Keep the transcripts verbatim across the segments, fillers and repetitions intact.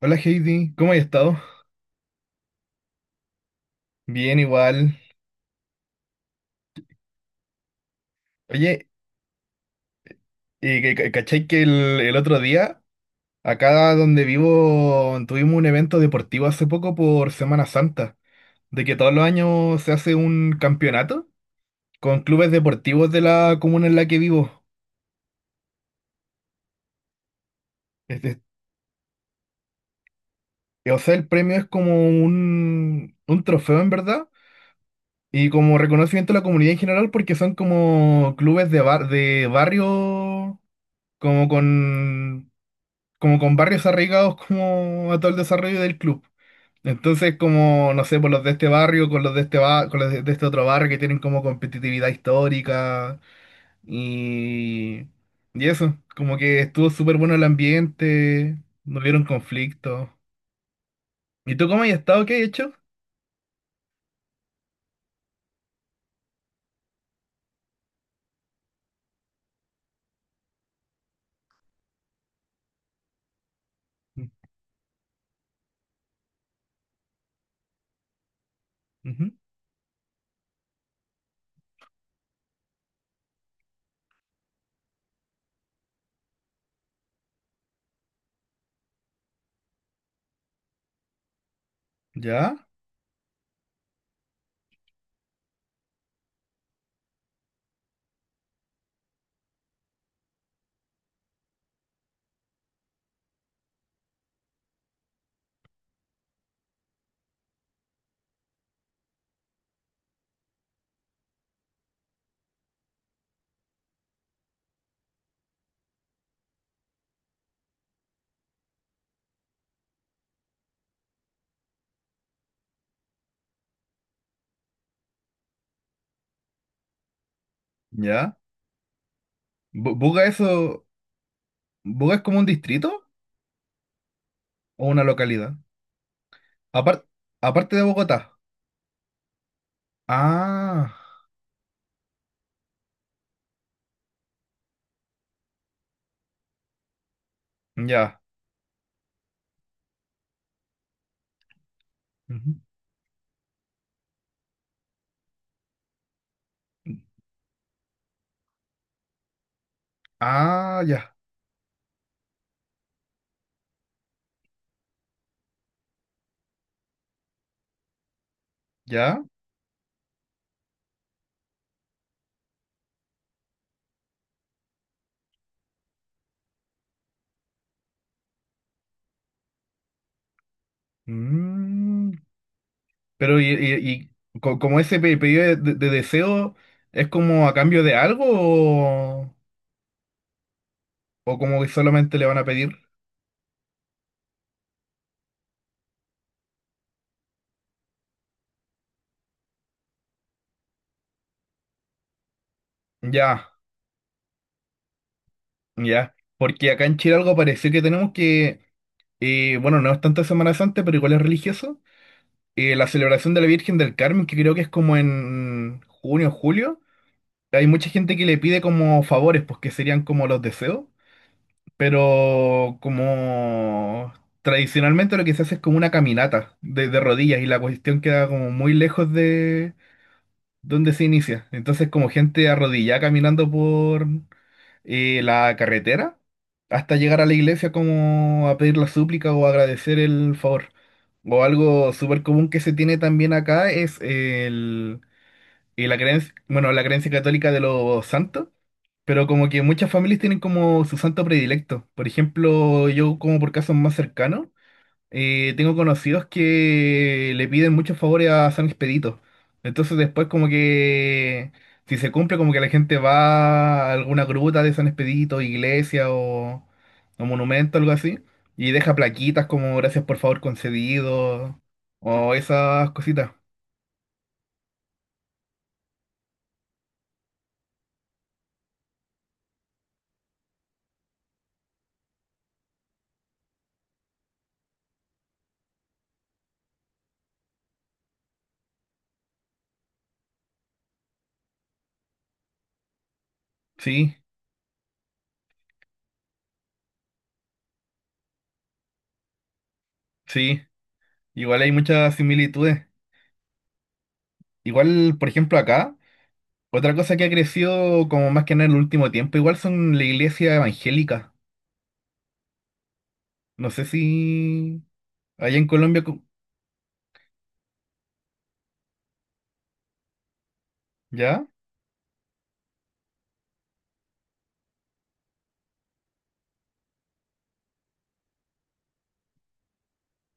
Hola Heidi, ¿cómo has estado? Bien, igual. Oye, eh, que- que- ¿cachai que el, el otro día, acá donde vivo, tuvimos un evento deportivo hace poco por Semana Santa, de que todos los años se hace un campeonato con clubes deportivos de la comuna en la que vivo? Este, o sea, el premio es como un, un trofeo en verdad y como reconocimiento a la comunidad en general porque son como clubes de, bar, de barrio, como con... como con barrios arraigados como a todo el desarrollo del club. Entonces, como, no sé, por los de este barrio, con los de este ba- con los de de este otro barrio que tienen como competitividad histórica y, y eso, como que estuvo súper bueno el ambiente, no hubieron conflictos. ¿Y tú cómo has estado? ¿Qué has hecho? Ujú, ¿ya? ¿Ya? Bu- ¿Buga eso? ¿Buga es como un distrito o una localidad? Apar- Aparte de Bogotá. Ah, ya. Ujú. Ah, ya. ¿Ya? Mm, pero y, y- y co- como ese pe- pedido de, de deseo es como a cambio de algo o, o como que solamente le van a pedir. Ya, ya. Porque acá en Chile algo pareció que tenemos que, eh, bueno, no es tanto Semana Santa, pero igual es religioso. eh, la celebración de la Virgen del Carmen, que creo que es como en junio, julio. Hay mucha gente que le pide como favores, pues que serían como los deseos. Pero como tradicionalmente lo que se hace es como una caminata de, de rodillas y la cuestión queda como muy lejos de donde se inicia. Entonces como gente arrodillada caminando por eh, la carretera hasta llegar a la iglesia como a pedir la súplica o agradecer el favor. O algo súper común que se tiene también acá es el, y la creencia, bueno, la creencia católica de los santos, pero como que muchas familias tienen como su santo predilecto. Por ejemplo, yo como por casos más cercanos, eh, tengo conocidos que le piden muchos favores a San Expedito. Entonces después como que si se cumple como que la gente va a alguna gruta de San Expedito, iglesia o, o monumento, algo así, y deja plaquitas como gracias por favor concedido o esas cositas. Sí, sí. Igual hay muchas similitudes. Igual, por ejemplo, acá. Otra cosa que ha crecido como más que nada en el último tiempo, igual son la iglesia evangélica. No sé si allá en Colombia... co- ¿Ya?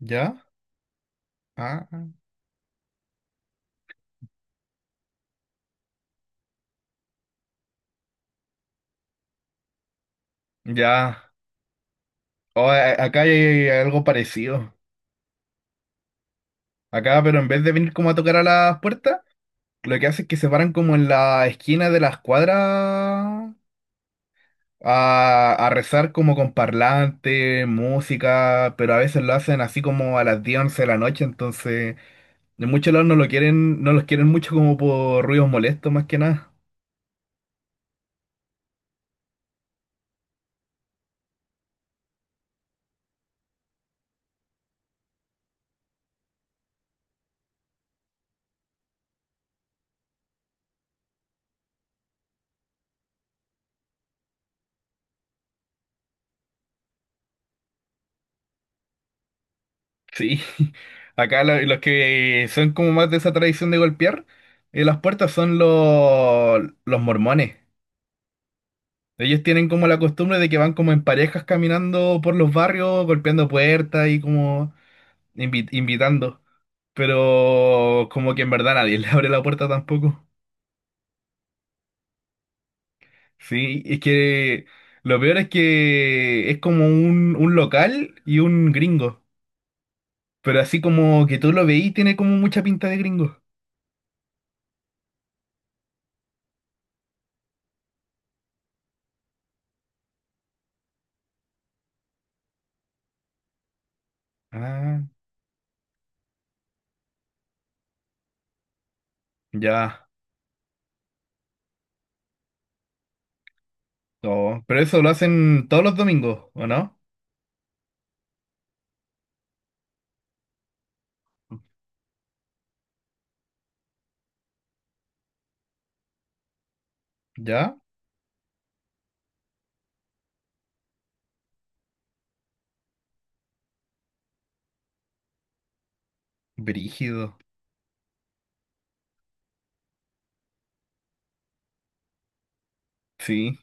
¿Ya? Ah, ah, ya. Oh, a- acá hay algo parecido. Acá, pero en vez de venir como a tocar a las puertas, lo que hace es que se paran como en la esquina de las cuadras a, a rezar como con parlante, música, pero a veces lo hacen así como a las diez once de la noche, entonces... De muchos lados no lo quieren, no los quieren mucho como por ruidos molestos más que nada. Sí, acá lo- los que son como más de esa tradición de golpear eh, las puertas son los, los mormones. Ellos tienen como la costumbre de que van como en parejas caminando por los barrios, golpeando puertas y como invi- invitando. Pero como que en verdad nadie le abre la puerta tampoco. Sí, es que lo peor es que es como un, un local y un gringo. Pero así como que tú lo veís, tiene como mucha pinta de gringo. Ah, ya. Oh, pero eso lo hacen todos los domingos, ¿o no? ¿Ya? Brígido. Sí.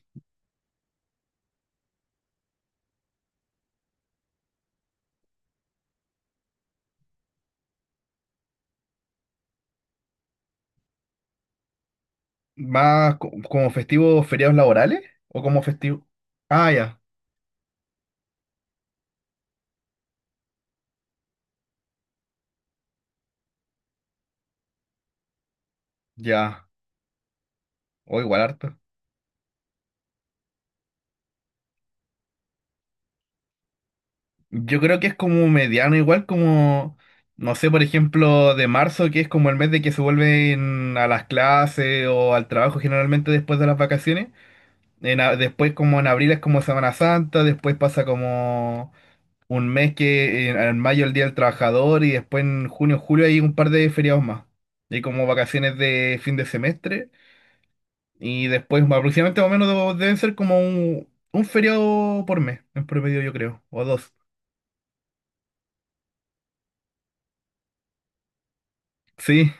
¿Más co- como festivos feriados laborales? ¿O como festivo? Ah, ya. Ya. O igual harto. Yo creo que es como mediano, igual como, no sé, por ejemplo, de marzo, que es como el mes de que se vuelven a las clases o al trabajo generalmente después de las vacaciones. En a- después como en abril es como Semana Santa, después pasa como un mes que en, en mayo el Día del Trabajador y después en junio, julio hay un par de feriados más. Hay como vacaciones de fin de semestre y después aproximadamente más o menos debo- deben ser como un, un feriado por mes, en promedio yo creo, o dos. Sí.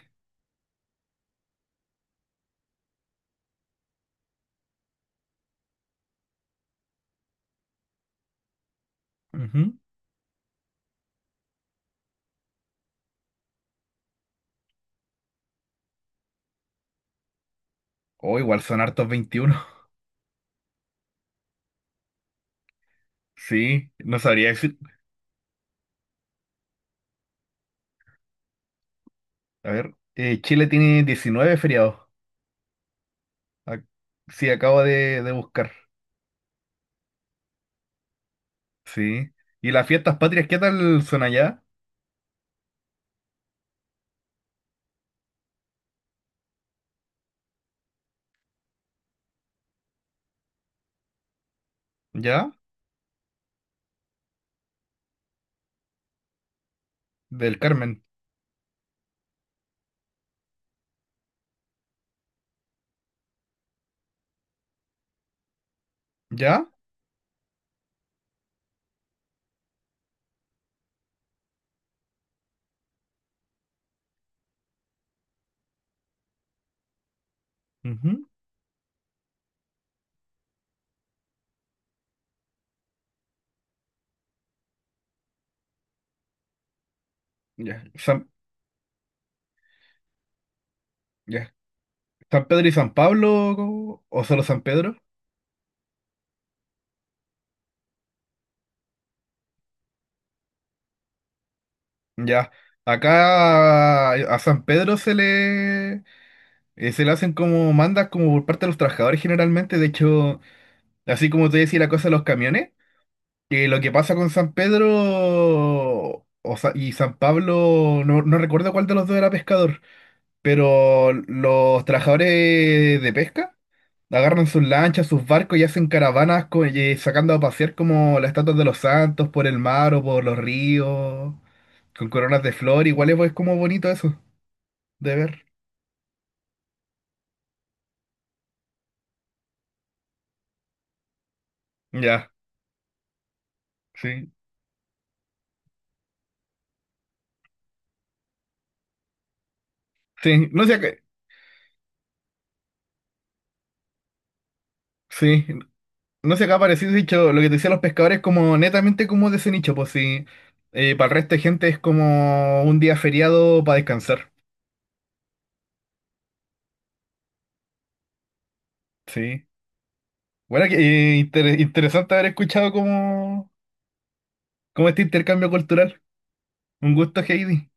Ujú. O igual son hartos veintiuno. Sí, no sabría decir. A ver, eh, Chile tiene diecinueve feriados. Ac- Sí, acabo de, de buscar. Sí. ¿Y las fiestas patrias qué tal son allá? ¿Ya? Del Carmen. ¿Ya? Ujú. Ya. San, ya. ¿San Pedro y San Pablo o o solo San Pedro? Ya. Acá eh, a San Pedro se le eh, se le hacen como mandas como por parte de los trabajadores generalmente. De hecho, así como te decía la cosa de los camiones, que lo que pasa con San Pedro o Sa- y San Pablo, no, no recuerdo cuál de los dos era pescador. Pero los trabajadores de pesca agarran sus lanchas, sus barcos y hacen caravanas co- y eh, sacando a pasear como las estatuas de los santos por el mar o por los ríos, con coronas de flor. Igual es, pues, como bonito eso de ver. Ya, sí. Sí, no sé qué. Sí, no sé qué ha parecido, he dicho, lo que te decía los pescadores, como netamente como de ese nicho, pues sí. Eh, para el resto de gente es como un día feriado para descansar. Sí. Bueno, que, eh, inter- interesante haber escuchado como cómo este intercambio cultural. Un gusto, Heidi.